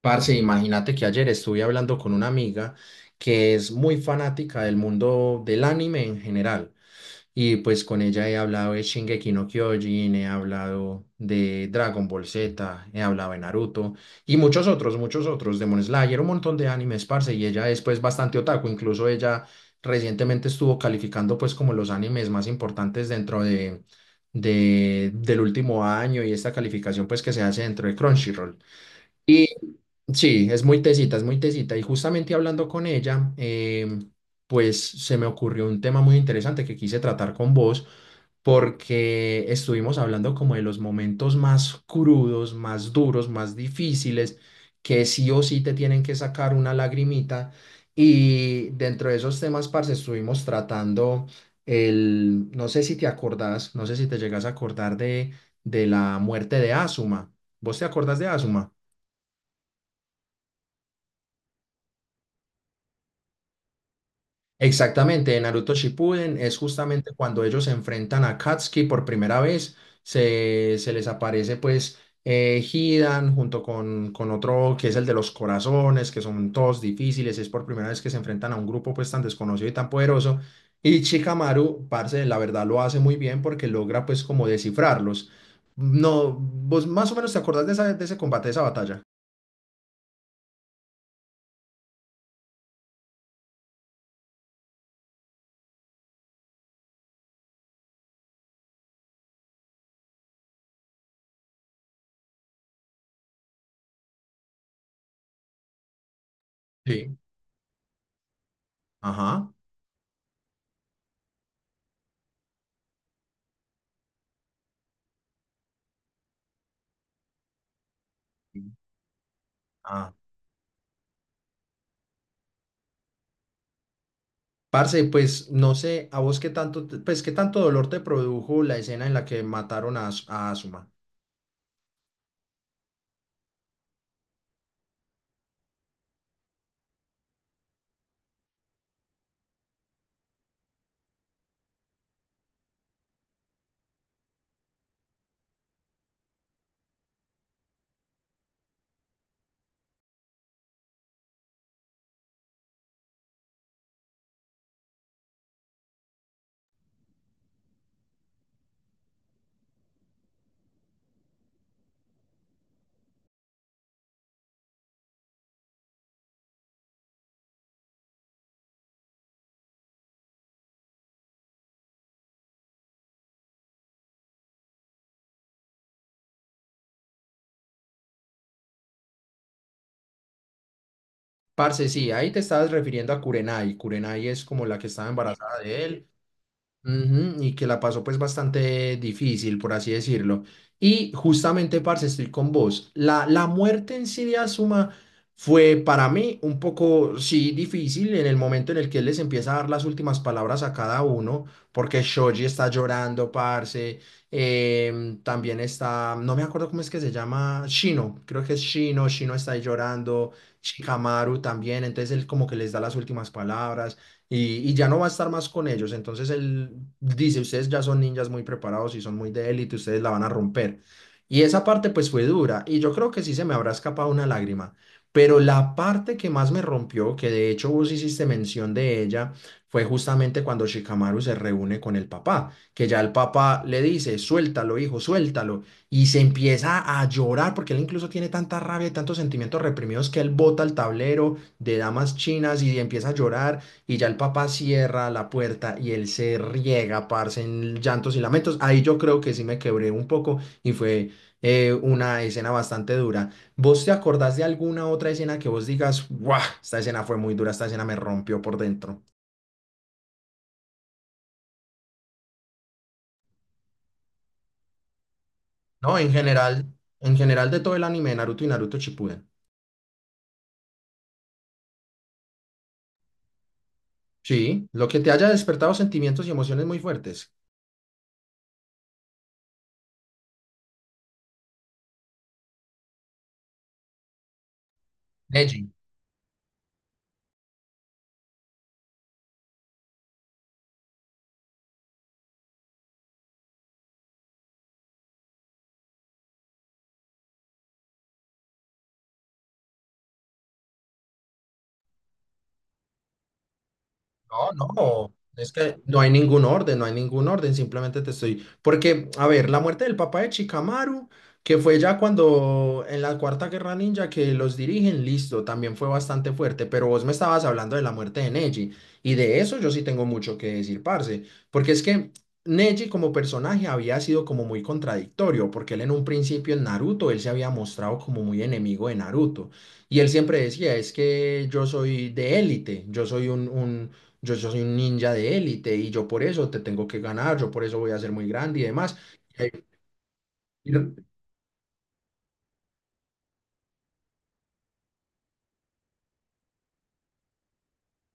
Parce, imagínate que ayer estuve hablando con una amiga que es muy fanática del mundo del anime en general. Y pues con ella he hablado de Shingeki no Kyojin, he hablado de Dragon Ball Z, he hablado de Naruto y muchos otros, Demon Slayer, un montón de animes, parce. Y ella es pues bastante otaku, incluso ella recientemente estuvo calificando pues como los animes más importantes dentro del último año y esta calificación pues que se hace dentro de Crunchyroll. Sí, es muy tesita, es muy tesita. Y justamente hablando con ella, pues se me ocurrió un tema muy interesante que quise tratar con vos, porque estuvimos hablando como de los momentos más crudos, más duros, más difíciles, que sí o sí te tienen que sacar una lagrimita. Y dentro de esos temas, parce, estuvimos tratando el, no sé si te acordás, no sé si te llegas a acordar de la muerte de Asuma. ¿Vos te acordás de Asuma? Exactamente, en Naruto Shippuden es justamente cuando ellos se enfrentan a Katsuki por primera vez, se les aparece pues Hidan junto con otro que es el de los corazones, que son todos difíciles, es por primera vez que se enfrentan a un grupo pues tan desconocido y tan poderoso, y Chikamaru, parce, la verdad lo hace muy bien porque logra pues como descifrarlos. No, vos más o menos te acordás de, de ese combate, de esa batalla. Sí. Ajá. Parce, pues no sé, a vos qué tanto, pues qué tanto dolor te produjo la escena en la que mataron a, a Asuma. Parce, sí, ahí te estabas refiriendo a Kurenai. Kurenai es como la que estaba, sí, embarazada de él. Ujú, y que la pasó pues bastante difícil, por así decirlo. Y justamente, parce, estoy con vos. La muerte en Siria Suma fue para mí un poco, sí, difícil en el momento en el que él les empieza a dar las últimas palabras a cada uno, porque Shoji está llorando, parce. También está, no me acuerdo cómo es que se llama, Shino, creo que es Shino, Shino está ahí llorando, Shikamaru también, entonces él como que les da las últimas palabras y, y ya no va a estar más con ellos. Entonces él dice, ustedes ya son ninjas muy preparados y son muy de élite, ustedes la van a romper. Y esa parte pues fue dura y yo creo que sí se me habrá escapado una lágrima. Pero la parte que más me rompió, que de hecho vos hiciste mención de ella, fue justamente cuando Shikamaru se reúne con el papá, que ya el papá le dice, suéltalo, hijo, suéltalo, y se empieza a llorar porque él incluso tiene tanta rabia y tantos sentimientos reprimidos que él bota el tablero de damas chinas y empieza a llorar y ya el papá cierra la puerta y él se riega, parce, en llantos y lamentos. Ahí yo creo que sí me quebré un poco y fue una escena bastante dura. ¿Vos te acordás de alguna otra escena que vos digas, guau, esta escena fue muy dura, esta escena me rompió por dentro? No, en general de todo el anime de Naruto y Naruto Shippuden. Sí, lo que te haya despertado sentimientos y emociones muy fuertes. Neji. No, no, es que no hay ningún orden, no hay ningún orden, simplemente te estoy... Porque, a ver, la muerte del papá de Chikamaru, que fue ya cuando en la Cuarta Guerra Ninja que los dirigen, listo, también fue bastante fuerte, pero vos me estabas hablando de la muerte de Neji, y de eso yo sí tengo mucho que decir, parce, porque es que Neji como personaje había sido como muy contradictorio, porque él en un principio en Naruto, él se había mostrado como muy enemigo de Naruto, y él siempre decía, es que yo soy de élite, yo soy yo, yo soy un ninja de élite y yo por eso te tengo que ganar, yo por eso voy a ser muy grande y demás. Y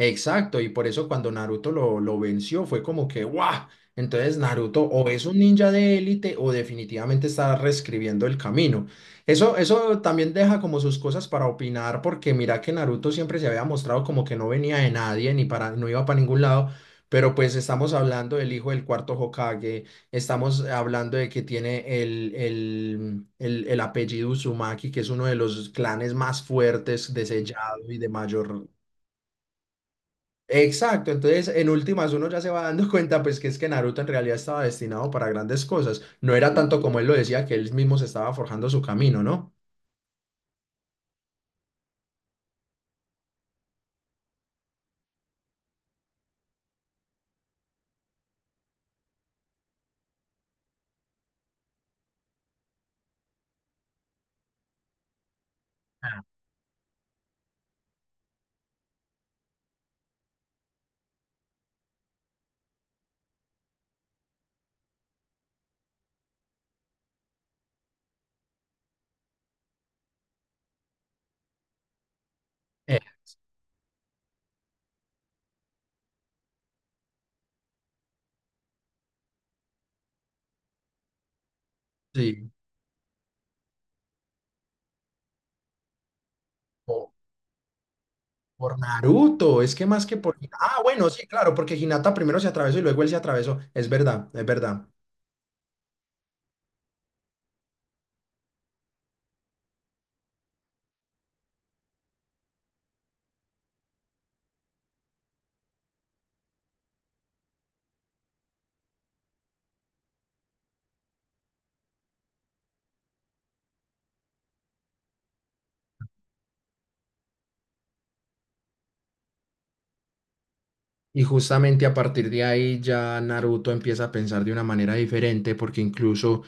exacto, y por eso cuando Naruto lo venció fue como que ¡guau! Entonces Naruto o es un ninja de élite o definitivamente está reescribiendo el camino. Eso también deja como sus cosas para opinar porque mira que Naruto siempre se había mostrado como que no venía de nadie ni para, no iba para ningún lado, pero pues estamos hablando del hijo del cuarto Hokage, estamos hablando de que tiene el apellido Uzumaki, que es uno de los clanes más fuertes de, sí, sellado y de mayor exacto, entonces en últimas uno ya se va dando cuenta pues que es que Naruto en realidad estaba destinado para grandes cosas, no era tanto como él lo decía que él mismo se estaba forjando su camino, ¿no? Eh, sí, po- por Naruto, es que más que por... Ah, bueno, sí, claro, porque Hinata primero se atravesó y luego él se atravesó, es verdad, es verdad. Y justamente a partir de ahí ya Naruto empieza a pensar de una manera diferente porque incluso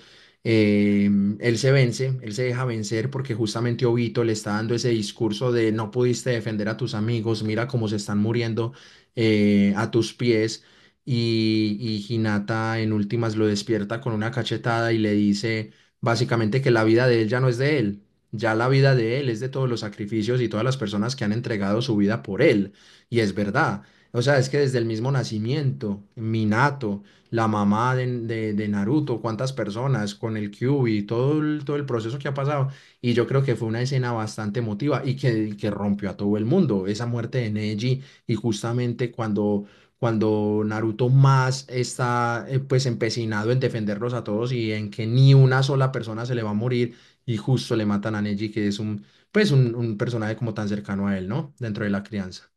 eh, él se vence, él se deja vencer porque justamente Obito le está dando ese discurso de no pudiste defender a tus amigos, mira cómo se están muriendo a tus pies y, y Hinata en últimas lo despierta con una cachetada y le dice básicamente que la vida de él ya no es de él, ya la vida de él es de todos los sacrificios y todas las personas que han entregado su vida por él. Y es verdad. O sea, es que desde el mismo nacimiento, Minato, la mamá de Naruto, cuántas personas con el Kyuubi, todo el proceso que ha pasado. Y yo creo que fue una escena bastante emotiva y que rompió a todo el mundo. Esa muerte de Neji y justamente cuando Naruto más está pues empecinado en defenderlos a todos y en que ni una sola persona se le va a morir y justo le matan a Neji, que es un, pues un personaje como tan cercano a él, ¿no? Dentro de la crianza.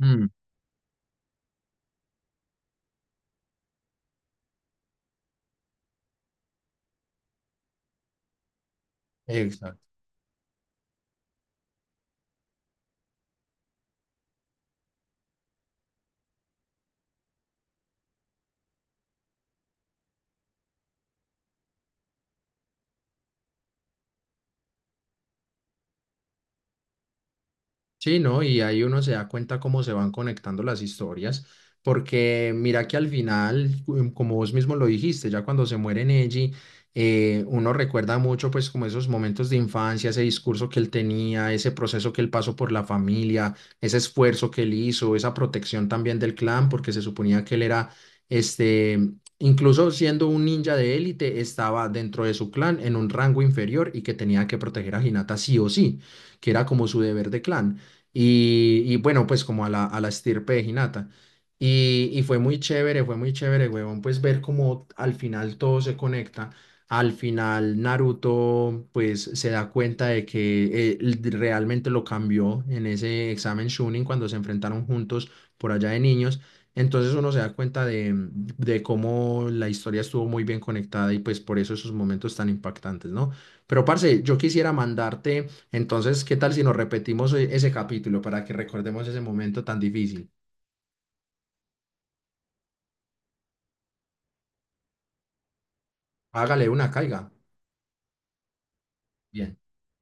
Ujú. Exacto. Sí, ¿no? Y ahí uno se da cuenta cómo se van conectando las historias, porque mira que al final, como vos mismo lo dijiste, ya cuando se muere Neji, uno recuerda mucho pues como esos momentos de infancia, ese discurso que él tenía, ese proceso que él pasó por la familia, ese esfuerzo que él hizo, esa protección también del clan, porque se suponía que él era, este, incluso siendo un ninja de élite, estaba dentro de su clan en un rango inferior y que tenía que proteger a Hinata sí o sí, que era como su deber de clan. Y bueno, pues como a a la estirpe de Hinata. Y fue muy chévere, huevón, pues ver cómo al final todo se conecta. Al final Naruto pues se da cuenta de que realmente lo cambió en ese examen Chunin cuando se enfrentaron juntos por allá de niños. Entonces uno se da cuenta de cómo la historia estuvo muy bien conectada y pues por eso esos momentos tan impactantes, ¿no? Pero parce, yo quisiera mandarte entonces, ¿qué tal si nos repetimos ese capítulo para que recordemos ese momento tan difícil? Hágale una, caiga. Bien.